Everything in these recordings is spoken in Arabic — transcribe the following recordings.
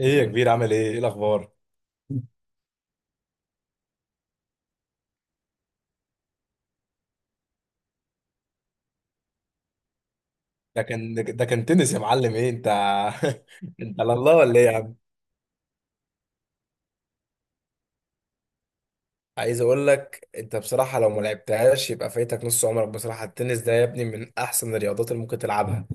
ايه يا كبير، عامل ايه؟ ايه الاخبار؟ ده كان تنس يا معلم. ايه انت؟ انت على الله ولا ايه يا عم؟ عايز اقول لك، انت بصراحه لو ما لعبتهاش يبقى فايتك نص عمرك. بصراحه التنس ده يا ابني من احسن الرياضات اللي ممكن تلعبها.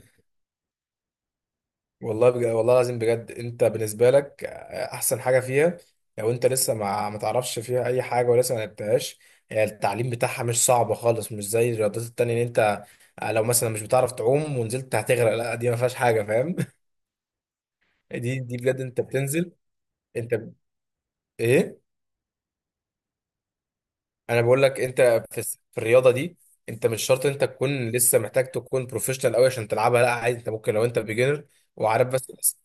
والله بجد، والله العظيم بجد، انت بالنسبه لك احسن حاجه فيها، لو انت لسه ما تعرفش فيها اي حاجه ولسه ما لعبتهاش. هي التعليم بتاعها مش صعب خالص، مش زي الرياضات التانية ان انت لو مثلا مش بتعرف تعوم ونزلت هتغرق، لا دي ما فيهاش حاجه. فاهم؟ دي بجد انت بتنزل. انت ايه؟ انا بقول لك انت، في الرياضه دي انت مش شرط انت تكون لسه محتاج تكون بروفيشنال قوي عشان تلعبها. لا عادي انت ممكن لو انت بيجنر وعارف، بس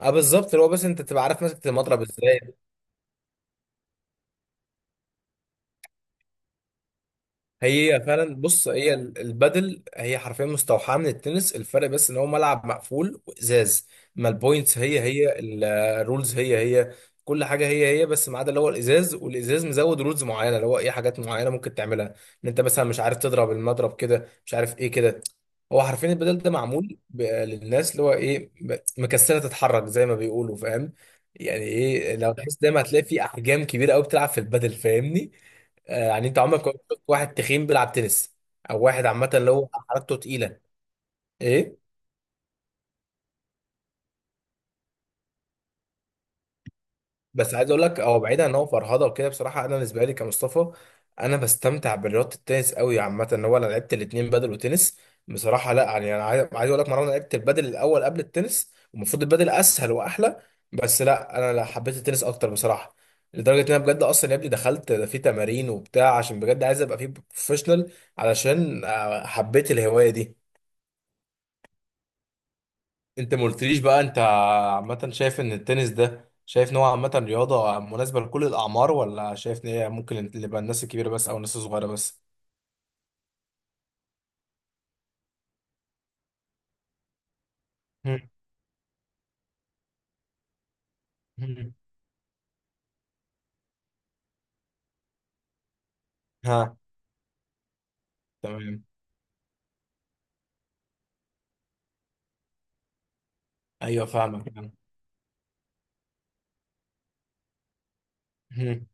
اه بالظبط، اللي هو بس انت تبقى عارف ماسك المضرب ازاي. هي فعلا بص، البادل هي حرفيا مستوحاه من التنس، الفرق بس ان هو ملعب مقفول وازاز. ما البوينتس هي هي، الرولز هي هي، كل حاجه هي هي، بس ما عدا اللي هو الازاز. والازاز مزود رولز معينه، اللي هو ايه، حاجات معينه ممكن تعملها. ان انت مثلا مش عارف تضرب المضرب كده، مش عارف ايه كده. هو حرفيا البدل ده معمول للناس اللي هو ايه، مكسله تتحرك زي ما بيقولوا. فاهم؟ يعني ايه، لو تحس دايما هتلاقي في احجام كبيره قوي بتلعب في البدل. فاهمني؟ يعني انت عمرك ما شفت واحد تخين بيلعب تنس، او واحد عامه اللي هو حركته تقيله. ايه؟ بس عايز اقول لك، هو بعيدا ان هو فرهده وكده، بصراحه انا بالنسبه لي كمصطفى، انا بستمتع برياضه التنس قوي عامه. ان هو انا لعبت الاثنين، بدل وتنس. بصراحه لا، يعني انا عايز اقول لك مره، انا لعبت البدل الاول قبل التنس، ومفروض البدل اسهل واحلى، بس لا انا لا حبيت التنس اكتر بصراحه. لدرجه ان انا بجد اصلا يا ابني دخلت في تمارين وبتاع، عشان بجد عايز ابقى فيه بروفيشنال، علشان حبيت الهوايه دي. انت ما قلتليش بقى انت عامة شايف ان التنس ده، شايف ان هو عامة رياضة مناسبة لكل الأعمار، ولا شايف ان هي ممكن تبقى الناس الكبيرة بس أو الناس الصغيرة بس؟ هم. هم. ها. تمام. أيوه فاهمك. هم.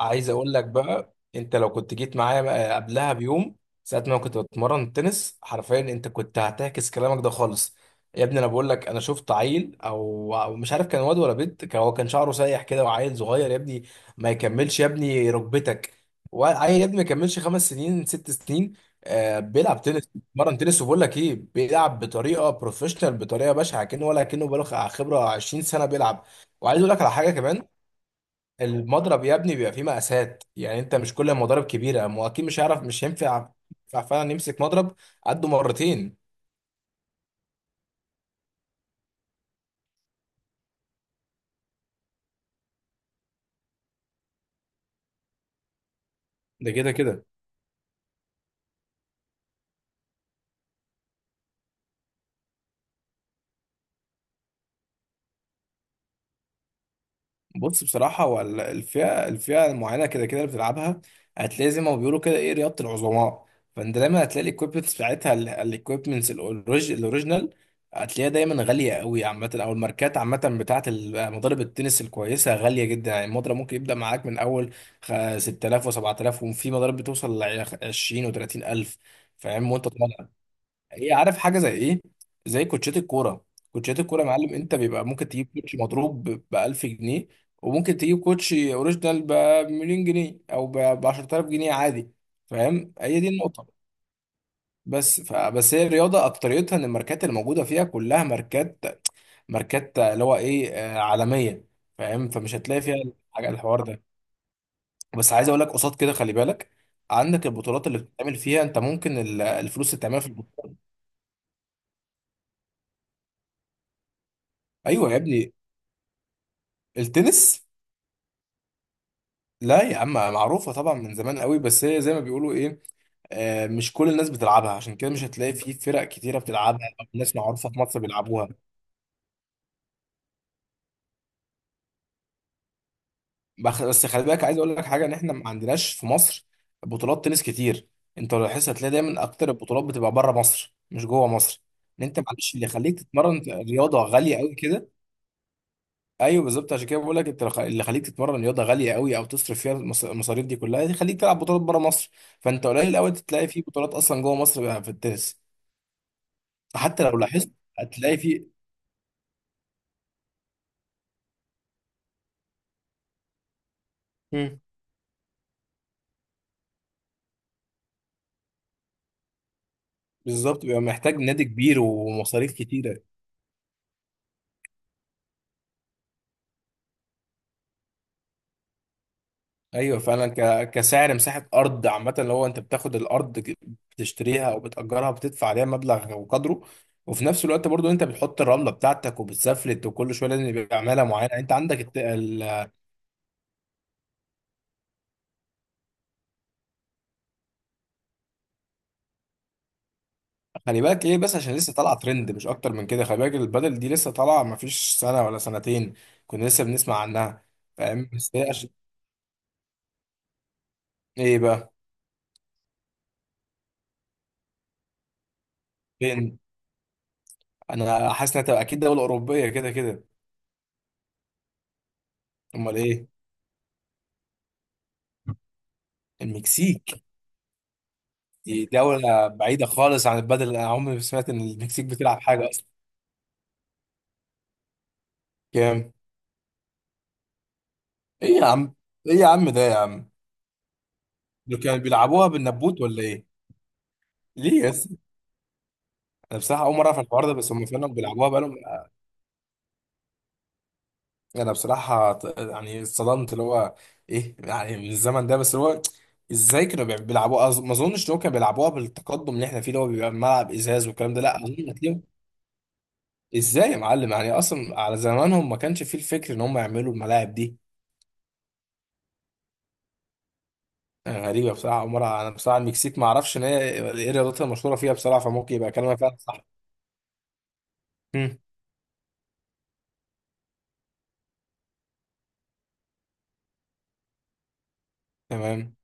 عايز اقول لك بقى، انت لو كنت جيت معايا بقى قبلها بيوم، ساعه ما كنت بتمرن تنس، حرفيا انت كنت هتعكس كلامك ده خالص. يا ابني انا بقول لك، انا شفت عيل او مش عارف كان واد ولا بنت، كان هو كان شعره سايح كده، وعيل صغير يا ابني، ما يكملش يا ابني ركبتك، وعيل يا ابني ما يكملش خمس سنين ست سنين، آه بيلعب تنس، بيتمرن تنس، وبقول لك ايه، بيلعب بطريقه بروفيشنال، بطريقه بشعه، كأنه ولا كأنه بقاله خبره 20 سنه بيلعب. وعايز اقول لك على حاجه كمان، المضرب يا ابني بيبقى فيه مقاسات، يعني انت مش كل المضارب كبيره، ما هو اكيد مش هيعرف، مش هينفع ينفع فعلا يمسك مضرب قده مرتين. ده كده كده. بص بصراحة، هو الفئة المعينة كده كده اللي بتلعبها، هتلاقي زي ما بيقولوا كده ايه، رياضة العظماء. فانت دايما هتلاقي الاكويبمنتس بتاعتها، الاكويبمنتس الاوريجينال، هتلاقيها دايما غالية قوي عامة. او الماركات عامة بتاعة مضارب التنس الكويسة غالية جدا. يعني المضرب ممكن يبدأ معاك من اول 6000 و7000، وفي مضارب بتوصل ل 20 و 30000. فاهم؟ وانت طالع هي، عارف حاجه زي ايه؟ زي كوتشات الكوره. كوتشات الكوره يا معلم، انت بيبقى ممكن تجيب كوتش مضروب ب 1000 جنيه، وممكن تجيب كوتش اوريجينال ب مليون جنيه، او ب 10000 جنيه عادي. فاهم؟ هي دي النقطه. بس هي الرياضه اكتريتها ان الماركات اللي موجوده فيها كلها ماركات، اللي هو ايه، عالميه. فاهم؟ فمش هتلاقي فيها حاجه الحوار ده. بس عايز اقول لك قصاد كده، خلي بالك، عندك البطولات اللي بتتعمل فيها، انت ممكن الفلوس اللي بتعملها في البطولات. ايوه يا ابني. التنس، لا يا عم معروفة طبعا من زمان قوي، بس هي زي ما بيقولوا ايه، آه مش كل الناس بتلعبها، عشان كده مش هتلاقي في فرق كتيرة بتلعبها او ناس معروفة في مصر بيلعبوها. بس خلي بالك، عايز اقول لك حاجة، ان احنا ما عندناش في مصر بطولات تنس كتير. انت لو لاحظت هتلاقي دايما اكتر البطولات بتبقى بره مصر مش جوه مصر. ان انت معلش اللي يخليك تتمرن رياضة غالية قوي كده، ايوه بالظبط عشان كده بقول لك، انت اللي خليك تتمرن رياضة غالية قوي، او تصرف فيها المصاريف دي كلها، يخليك تلعب بطولات بره مصر. فانت قليل قوي تلاقي في بطولات اصلا جوه مصر بقى في التنس. حتى لو لاحظت هتلاقي في، مم. بالظبط بيبقى محتاج نادي كبير ومصاريف كتيرة. ايوه فعلا، كسعر مساحة ارض عامة، اللي هو انت بتاخد الارض، بتشتريها او بتأجرها، بتدفع عليها مبلغ وقدره. وفي نفس الوقت برضو انت بتحط الرملة بتاعتك، وبتسفلت، وكل شوية لازم يبقى عمالة معينة. انت عندك خلي بالك ايه، بس عشان لسه طالعة ترند مش اكتر من كده. خلي بالك البدل دي لسه طالعة مفيش سنة ولا سنتين، كنا لسه بنسمع عنها. فاهم؟ بس هي عشان ايه بقى؟ فين؟ انا حاسس انها تبقى اكيد دوله اوروبيه كده كده. امال ايه؟ المكسيك؟ دي دوله بعيده خالص عن البدل، انا عمري ما سمعت ان المكسيك بتلعب حاجه اصلا. كام؟ ايه يا عم؟ ايه يا عم ده يا عم! دول كانوا بيلعبوها بالنبوت ولا ايه؟ ليه يا اسطى؟ انا بصراحه اول مره اعرف الحوار ده، بس هم فعلا بيلعبوها بقالهم. انا بصراحه يعني اتصدمت، اللي هو ايه، يعني من الزمن ده، بس اللي هو ازاي كانوا بيلعبوها؟ ما اظنش ان هو كانوا بيلعبوها بالتقدم اللي احنا فيه، اللي هو بيبقى ملعب ازاز والكلام ده، لا اظن. ازاي يا معلم؟ يعني اصلا على زمانهم ما كانش فيه الفكر ان هم يعملوا الملاعب دي. يعني غريبه بصراحه عمرها، انا بصراحه المكسيك ما اعرفش ان هي ايه رياضتها المشهوره فيها بصراحه، فممكن يبقى كلامك فعلا صح. مم. تمام.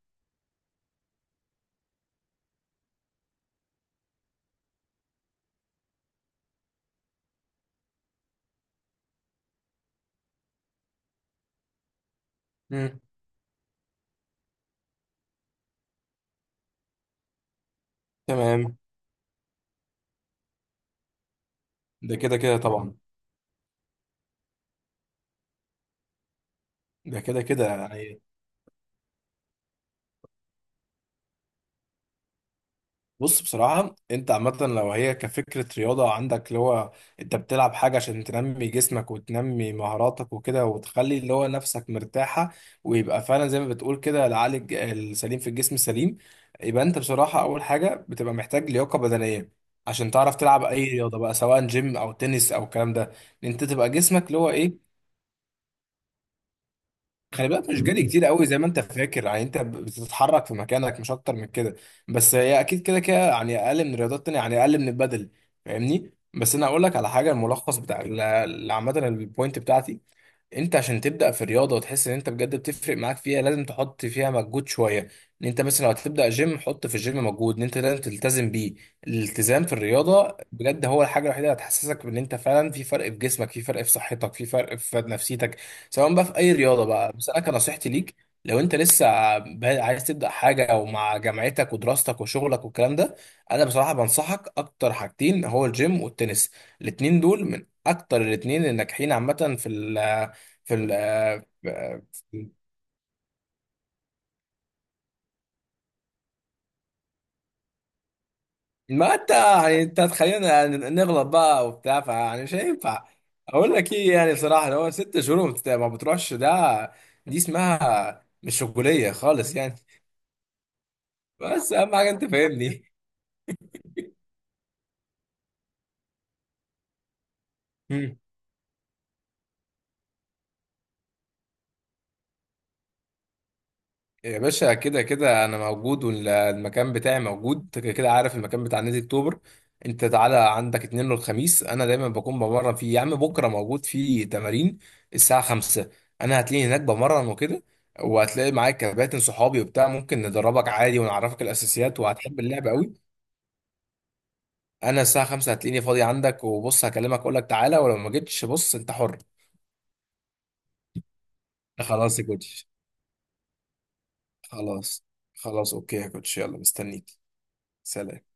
مم. تمام. ده كده كده طبعا. ده كده كده يعني. بص بصراحة، انت عامة لو هي كفكرة رياضة عندك، اللي هو انت بتلعب حاجة عشان تنمي جسمك وتنمي مهاراتك وكده، وتخلي اللي هو نفسك مرتاحة، ويبقى فعلا زي ما بتقول كده العقل السليم في الجسم السليم. يبقى انت بصراحة اول حاجة بتبقى محتاج لياقة بدنية، عشان تعرف تلعب اي رياضة بقى، سواء جيم او تنس او الكلام ده. ان انت تبقى جسمك اللي هو ايه. خلي بالك، مش جري كتير قوي زي ما انت فاكر. يعني انت بتتحرك في مكانك مش اكتر من كده. بس هي اكيد كده كده يعني اقل من الرياضات التانية، يعني اقل من البدل. فاهمني؟ بس انا اقول لك على حاجه، الملخص بتاع عامه البوينت بتاعتي، انت عشان تبدا في الرياضه وتحس ان انت بجد بتفرق معاك فيها، لازم تحط فيها مجهود شويه. ان انت مثلا لو هتبدا جيم، حط في الجيم مجهود ان انت لازم تلتزم بيه. الالتزام في الرياضه بجد هو الحاجه الوحيده اللي هتحسسك بان انت فعلا في فرق في جسمك، في فرق في صحتك، في فرق في نفسيتك، سواء بقى في اي رياضه بقى. بس انا كنصيحتي ليك، لو انت لسه عايز تبدا حاجه، او مع جامعتك ودراستك وشغلك والكلام ده، انا بصراحه بنصحك اكتر حاجتين، هو الجيم والتنس. الاتنين دول من اكتر الاتنين الناجحين عامه في في ال، في- في- ما انت يعني انت تخلينا يعني نغلط بقى وبتاع، فيعني مش هينفع. اقول لك ايه، يعني بصراحه لو هو ست شهور ما بتروحش ده، دي اسمها مش رجوليه خالص يعني. بس اهم حاجه انت فاهمني. يا باشا، كده كده انا موجود والمكان بتاعي موجود. انت كده كده عارف المكان بتاع نادي اكتوبر. انت تعالى عندك اتنين والخميس انا دايما بكون بمرن فيه يا عم. بكره موجود فيه تمارين الساعه خمسة. انا هتلاقيني هناك بمرن وكده، وهتلاقي معايا كباتن صحابي وبتاع، ممكن ندربك عادي ونعرفك الاساسيات وهتحب اللعبه قوي. انا الساعه خمسة هتلاقيني فاضي عندك. وبص هكلمك اقول لك تعالى، ولو ما جيتش بص انت حر. خلاص يا كوتش. خلاص. خلاص اوكي يا كوتش، يلا مستنيك. سلام.